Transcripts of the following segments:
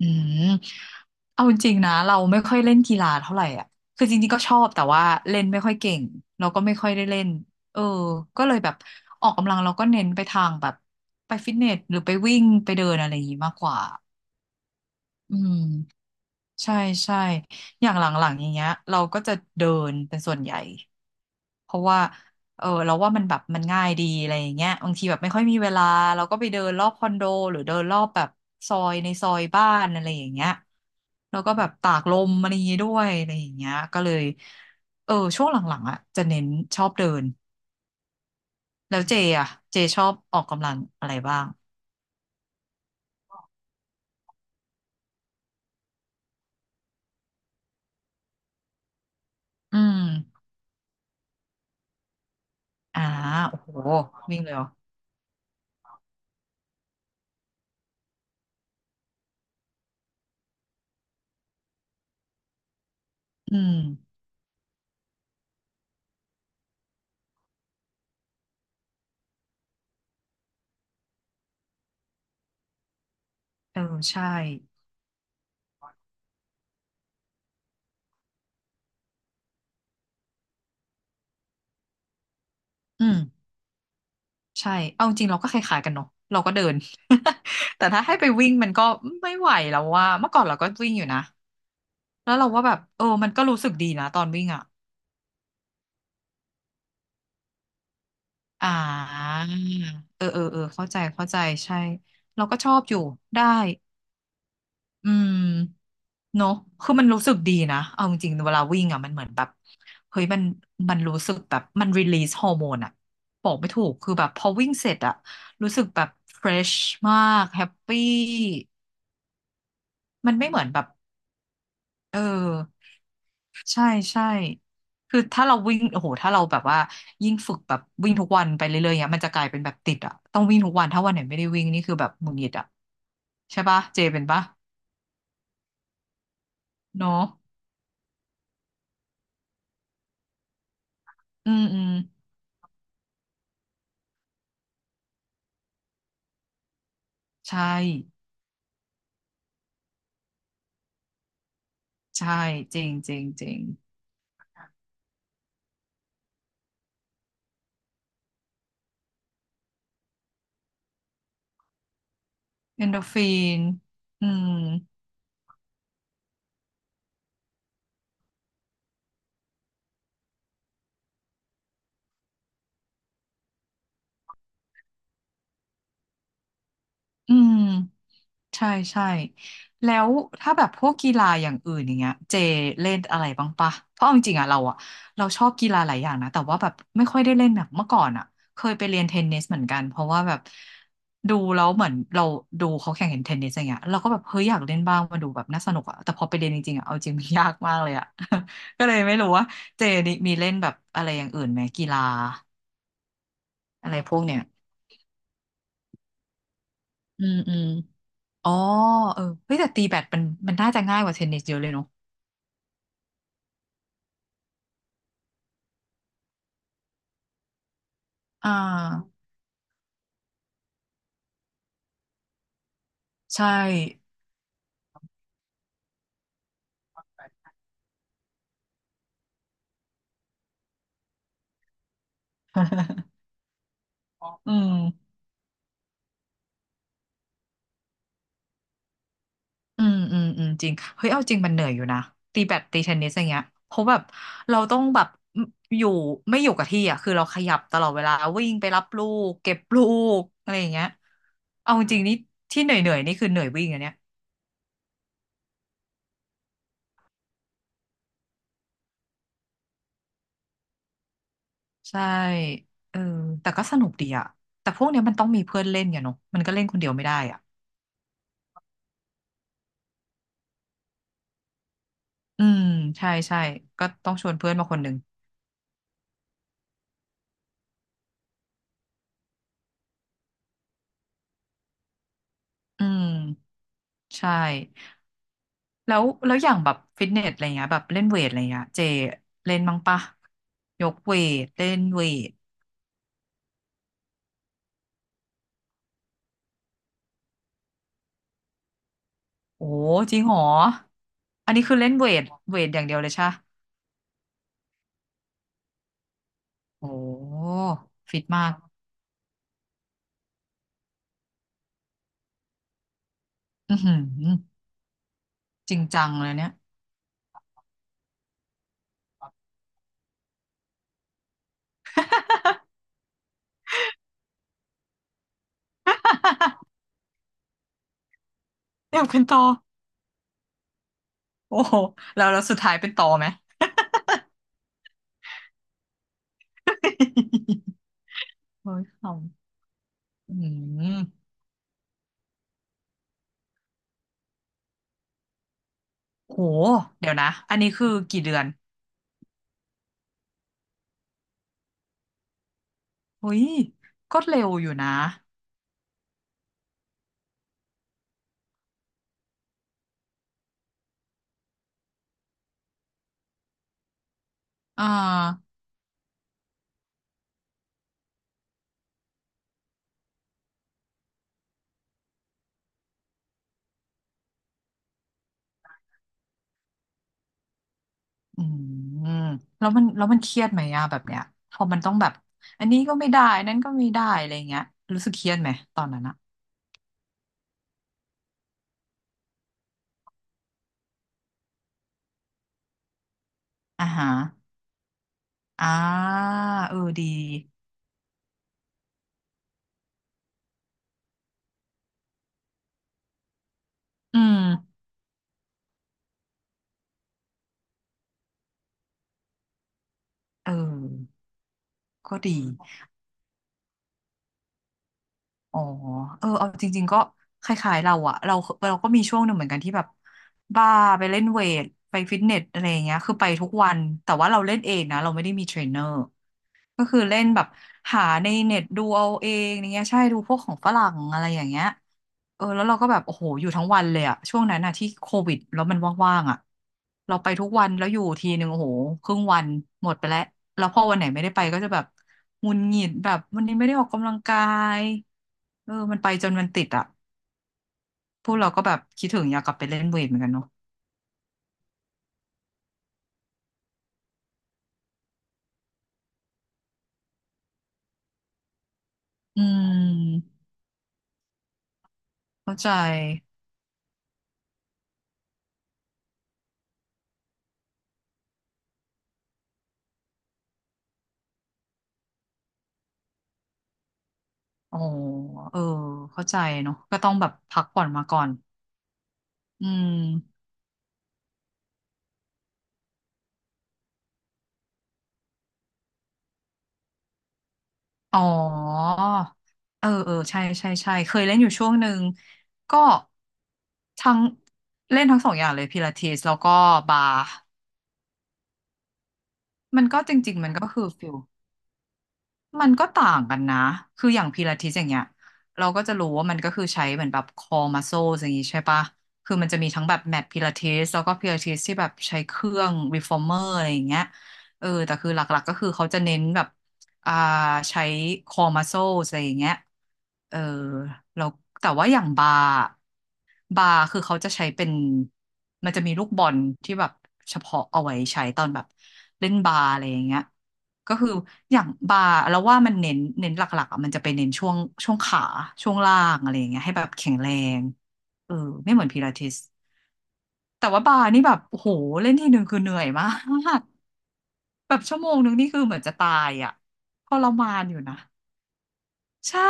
อืมเอาจริงๆนะเราไม่ค่อยเล่นกีฬาเท่าไหร่อ่ะคือจริงๆก็ชอบแต่ว่าเล่นไม่ค่อยเก่งเราก็ไม่ค่อยได้เล่นเออก็เลยแบบออกกำลังเราก็เน้นไปทางแบบไปฟิตเนสหรือไปวิ่งไปเดินอะไรอย่างงี้มากกว่าอืมใช่ใช่อย่างหลังๆอย่างเงี้ยเราก็จะเดินเป็นส่วนใหญ่ เพราะว่าเราว่ามันแบบมันง่ายดีอะไรอย่างเงี้ยบางทีแบบไม่ค่อยมีเวลาเราก็ไปเดินรอบคอนโดหรือเดินรอบแบบซอยในซอยบ้านอะไรอย่างเงี้ยแล้วก็แบบตากลมอะไรอย่างงี้ด้วยอะไรอย่างเงี้ยก็เลยช่วงหลังๆอ่ะจะเน้นชอบเดินแล้วเจอ่ะเจชอบออกกำลังอะไรบ้างอืมอ่าโอ้โหวิ่งเลยเหรออืมเออใช่อืม ใช่ เอาจริงเราก็คล้ายๆกันเนาะเราก็เดิน แต่ถ้าให้ไปวิ่งมันก็ไม่ไหวแล้วว่าเมื่อก่อนเราก็วิ่งอยู่นะ แล้วเราว่าแบบมันก็รู้สึกดีนะตอนวิ่งอ่ะอ่าเข้าใจเข้าใจใช่เราก็ชอบอยู่ได้อืมเนาะคือมันรู้สึกดีนะเอาจริงๆเวลาวิ่งอ่ะมันเหมือนแบบเฮ้ยมันรู้สึกแบบมันรีลีสฮอร์โมนอ่ะบอกไม่ถูก คือแบบพอวิ่งเสร็จอ่ะรู้สึกแบบเฟรชมากแฮปปี้มันไม่เหมือนแบบ เออใช่ใช่คือถ้าเราวิ่งโอ้โหถ้าเราแบบว่ายิ่งฝึกแบบวิ่งทุกวันไปเรื่อยๆเนี้ยมันจะกลายเป็นแบบติดอ่ะต้องวิ่งทุกวันถ้าวันไหนไม่ได้วิ่งนี่คือแบบหงุดหงิดอ่ะใช่ปะเจเป็นปะเนอะอืมอืมใช่ใช่จริงจริงจริงเอนโดฟินอืมอืม ใช่ใช่แล้วถ้าแบบพวกกีฬาอย่างอื่นอย่างเงี้ยเจเล่นอะไรบ้างปะเพราะเอาจริงๆอะเราอะเราชอบกีฬาหลายอย่างนะแต่ว่าแบบไม่ค่อยได้เล่นแบบเมื่อก่อนอะเคยไปเรียนเทนนิสเหมือนกันเพราะว่าแบบดูแล้วเหมือนเราดูเขาแข่งเห็นเทนนิสอย่างเงี้ยเราก็แบบเฮ้ยอยากเล่นบ้างมาดูแบบน่าสนุกอะแต่พอไปเรียนจริงๆอะเอาจริง มันยากมากเลยอะ ก็เลยไม่รู้ว่าเจนี่มีเล่นแบบอะไรอย่างอื่นไหมกีฬาอะไรพวกเนี้ยอืมอืมอ๋อเฮ้ยแต่ตีแบดมันมันน่าจะง่ายกว่าเทนนิสเยอะเลยเนอะ อ่าใช่ อืมอืมอืมอืมจริงเฮ้ยเอาจริงมันเหนื่อยอยู่นะตีแบดตีเทนนิสอย่างเงี้ยเพราะแบบเราต้องแบบอยู่ไม่อยู่กับที่อ่ะคือเราขยับตลอดเวลาวิ่งไปรับลูกเก็บลูกอะไรอย่างเงี้ยเอาจริงนี่ที่เหนื่อยเหนื่อยนี่คือเหนื่อยวิ่งอันเนี้ยใช่เออแต่ก็สนุกดีอ่ะแต่พวกเนี้ยมันต้องมีเพื่อนเล่นอย่เนาะมันก็เล่นคนเดียวไม่ได้อ่ะอืมใช่ใช่ก็ต้องชวนเพื่อนมาคนหนึ่งอืมใช่ แล้วแล้วอย่างแบบฟิตเนสอะไรเงี้ยแบบเล่นเวทอะไรเงี้ยเจเล่นมั้งปะยกเวทเล่นเวทโอ้จริงเหรออันนี้คือเล่นเวทเวทอย่างเดียวเลยใช่ปะโอ้ฟิตมากอือหือจริงจังเลยเนี่ย อยากเป็นต่อโอ้โหแล้วแล้วสุดท้ายเป็นต่อไหม โอ้ยขำอืมโหเดี๋ยวนะอันนี้คือกี่เดือนเฮ้ยก็เร็วอยู่นะอ่า อืมแล้วมันแล้วมันเครียดไหมอะแบบเนี้ยพอมันต้องแบบอันนี้ก็ไม่ได้อันนั้นก็ไม่ได้อะไรเงี้ยรู้สึกเครียดไหมตอนนั้นอะอ่าฮะอ่าดีอืมเออก็ดี อ๋อเอาจริงๆก็คล้ายๆเราอะเราเราก็มีช่วงหนึ่งเหมือนกันที่แบบบ้าไปเล่นเวทไปฟิตเนสอะไรอย่างเงี้ยคือไปทุกวันแต่ว่าเราเล่นเองนะเราไม่ได้มีเทรนเนอร์ก็คือเล่นแบบหาในเน็ตดูเอาเองอย่างเงี้ยใช่ดูพวกของฝรั่งอะไรอย่างเงี้ย แล้วเราก็แบบโอ้โหอยู่ทั้งวันเลยอะช่วงนั้นอะที่โควิดแล้วมันว่างๆอะเราไปทุกวันแล้วอยู่ทีหนึ่งโอ้โหครึ่งวันหมดไปแล้วแล้วพอวันไหนไม่ได้ไปก็จะแบบหงุดหงิดแบบวันนี้ไม่ได้ออกกำลังกายมันไปจนมันติดอะพวกเราก็แบบคิดถึงอยากกลับไปเล่นเวทเหมือนกันเนาะอืมเข้าใจอ๋อเออเข้าใจเนาะก็ต้องแบบพักผ่อนมาก่อนอืม อ๋อเออเออ ใช่ใช่ใช่เคยเล่นอยู่ช่วงหนึ่ง ก็ทั้งเล่นทั้งสองอย่างเลยพิลาทิสแล้วก็บาร์มันก็จริงๆมันก็คือฟิล มันก็ต่างกันนะ คืออย่างพิลาทิสอย่างเงี้ยเราก็จะรู้ว่ามันก็คือใช้เหมือนแบบ core muscles อย่างงี้ใช่ปะคือมันจะมีทั้งแบบแมทพิลาทิสแล้วก็พิลาทิสที่แบบใช้เครื่อง reformer อะไรอย่างเงี้ยเออแต่คือหลักๆก็คือเขาจะเน้นแบบอ่าใช้ core muscles อะไรอย่างเงี้ยเออแล้วแต่ว่าอย่างบาร์บาร์คือเขาจะใช้เป็นมันจะมีลูกบอลที่แบบเฉพาะเอาไว้ใช้ตอนแบบเล่นบาร์อะไรอย่างเงี้ย ก็คืออย่างบาร์แล้วว่ามันเน้นหลักๆอะมันจะไปเน้นช่วงขาช่วงล่างอะไรอย่างเงี้ยให้แบบแข็งแรงเออไม่เหมือนพิลาทิสแต่ว่าบาร์นี่แบบโอ้โหเล่นทีหนึ่งคือเหนื่อยมากแบบชั่วโมงหนึ่งนี่คือเหมือนจะตายอ่ะทรมานอยู่นะ ใช่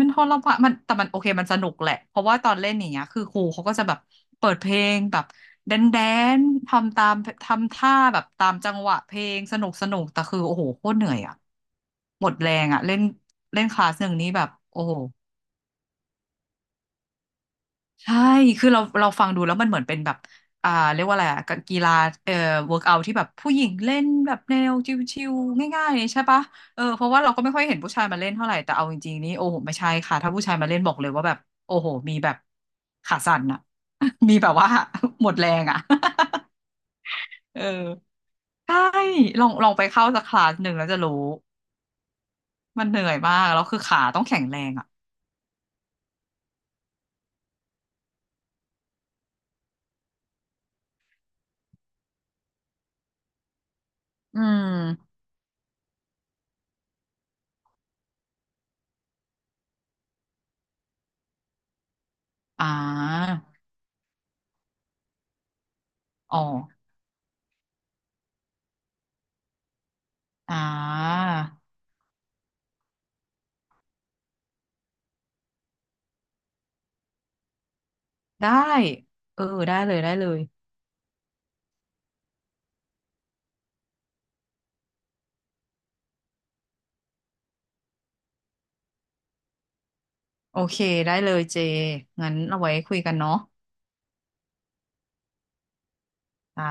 มันทรมานมันแต่มันโอเคมันสนุกแหละ เพราะว่าตอนเล่นอย่างเงี้ยคือครูเขาก็จะแบบเปิดเพลงแบบแดนแดนทำตามทำท่าแบบตามจังหวะเพลงสนุกสนุกแต่คือโอ้โหโคตรเหนื่อยอ่ะ หมดแรงอ่ะเล่นเล่นคลาสหนึ่งนี้แบบโอ้โห ใช่คือเราฟังดูแล้วมันเหมือนเป็นแบบอ่าเรียกว่าอะไรอะกกีฬาเอ่อเวิร์กเอาที่แบบผู้หญิงเล่นแบบแนวชิวๆง่ายๆเนี่ยใช่ปะเออเพราะว่าเราก็ไม่ค่อยเห็นผู้ชายมาเล่นเท่าไหร่แต่เอาจริงๆนี่โอ้โหไม่ใช่ค่ะถ้าผู้ชายมาเล่นบอกเลยว่าแบบโอ้โหมีแบบขาสั่นอะ มีแบบว่า หมดแรงอะ เออใช่ลองไปเข้าสักคลาสหนึ่งแล้วจะรู้มันเหนื่อยมากแล้วคือขาต้องแข็งแรงอะอืมอ่าอ๋ออ่า ได้เออได้เลยได้เลยโอเคได้เลยเจงั้นเอาไว้คุยกันเนาะจ้า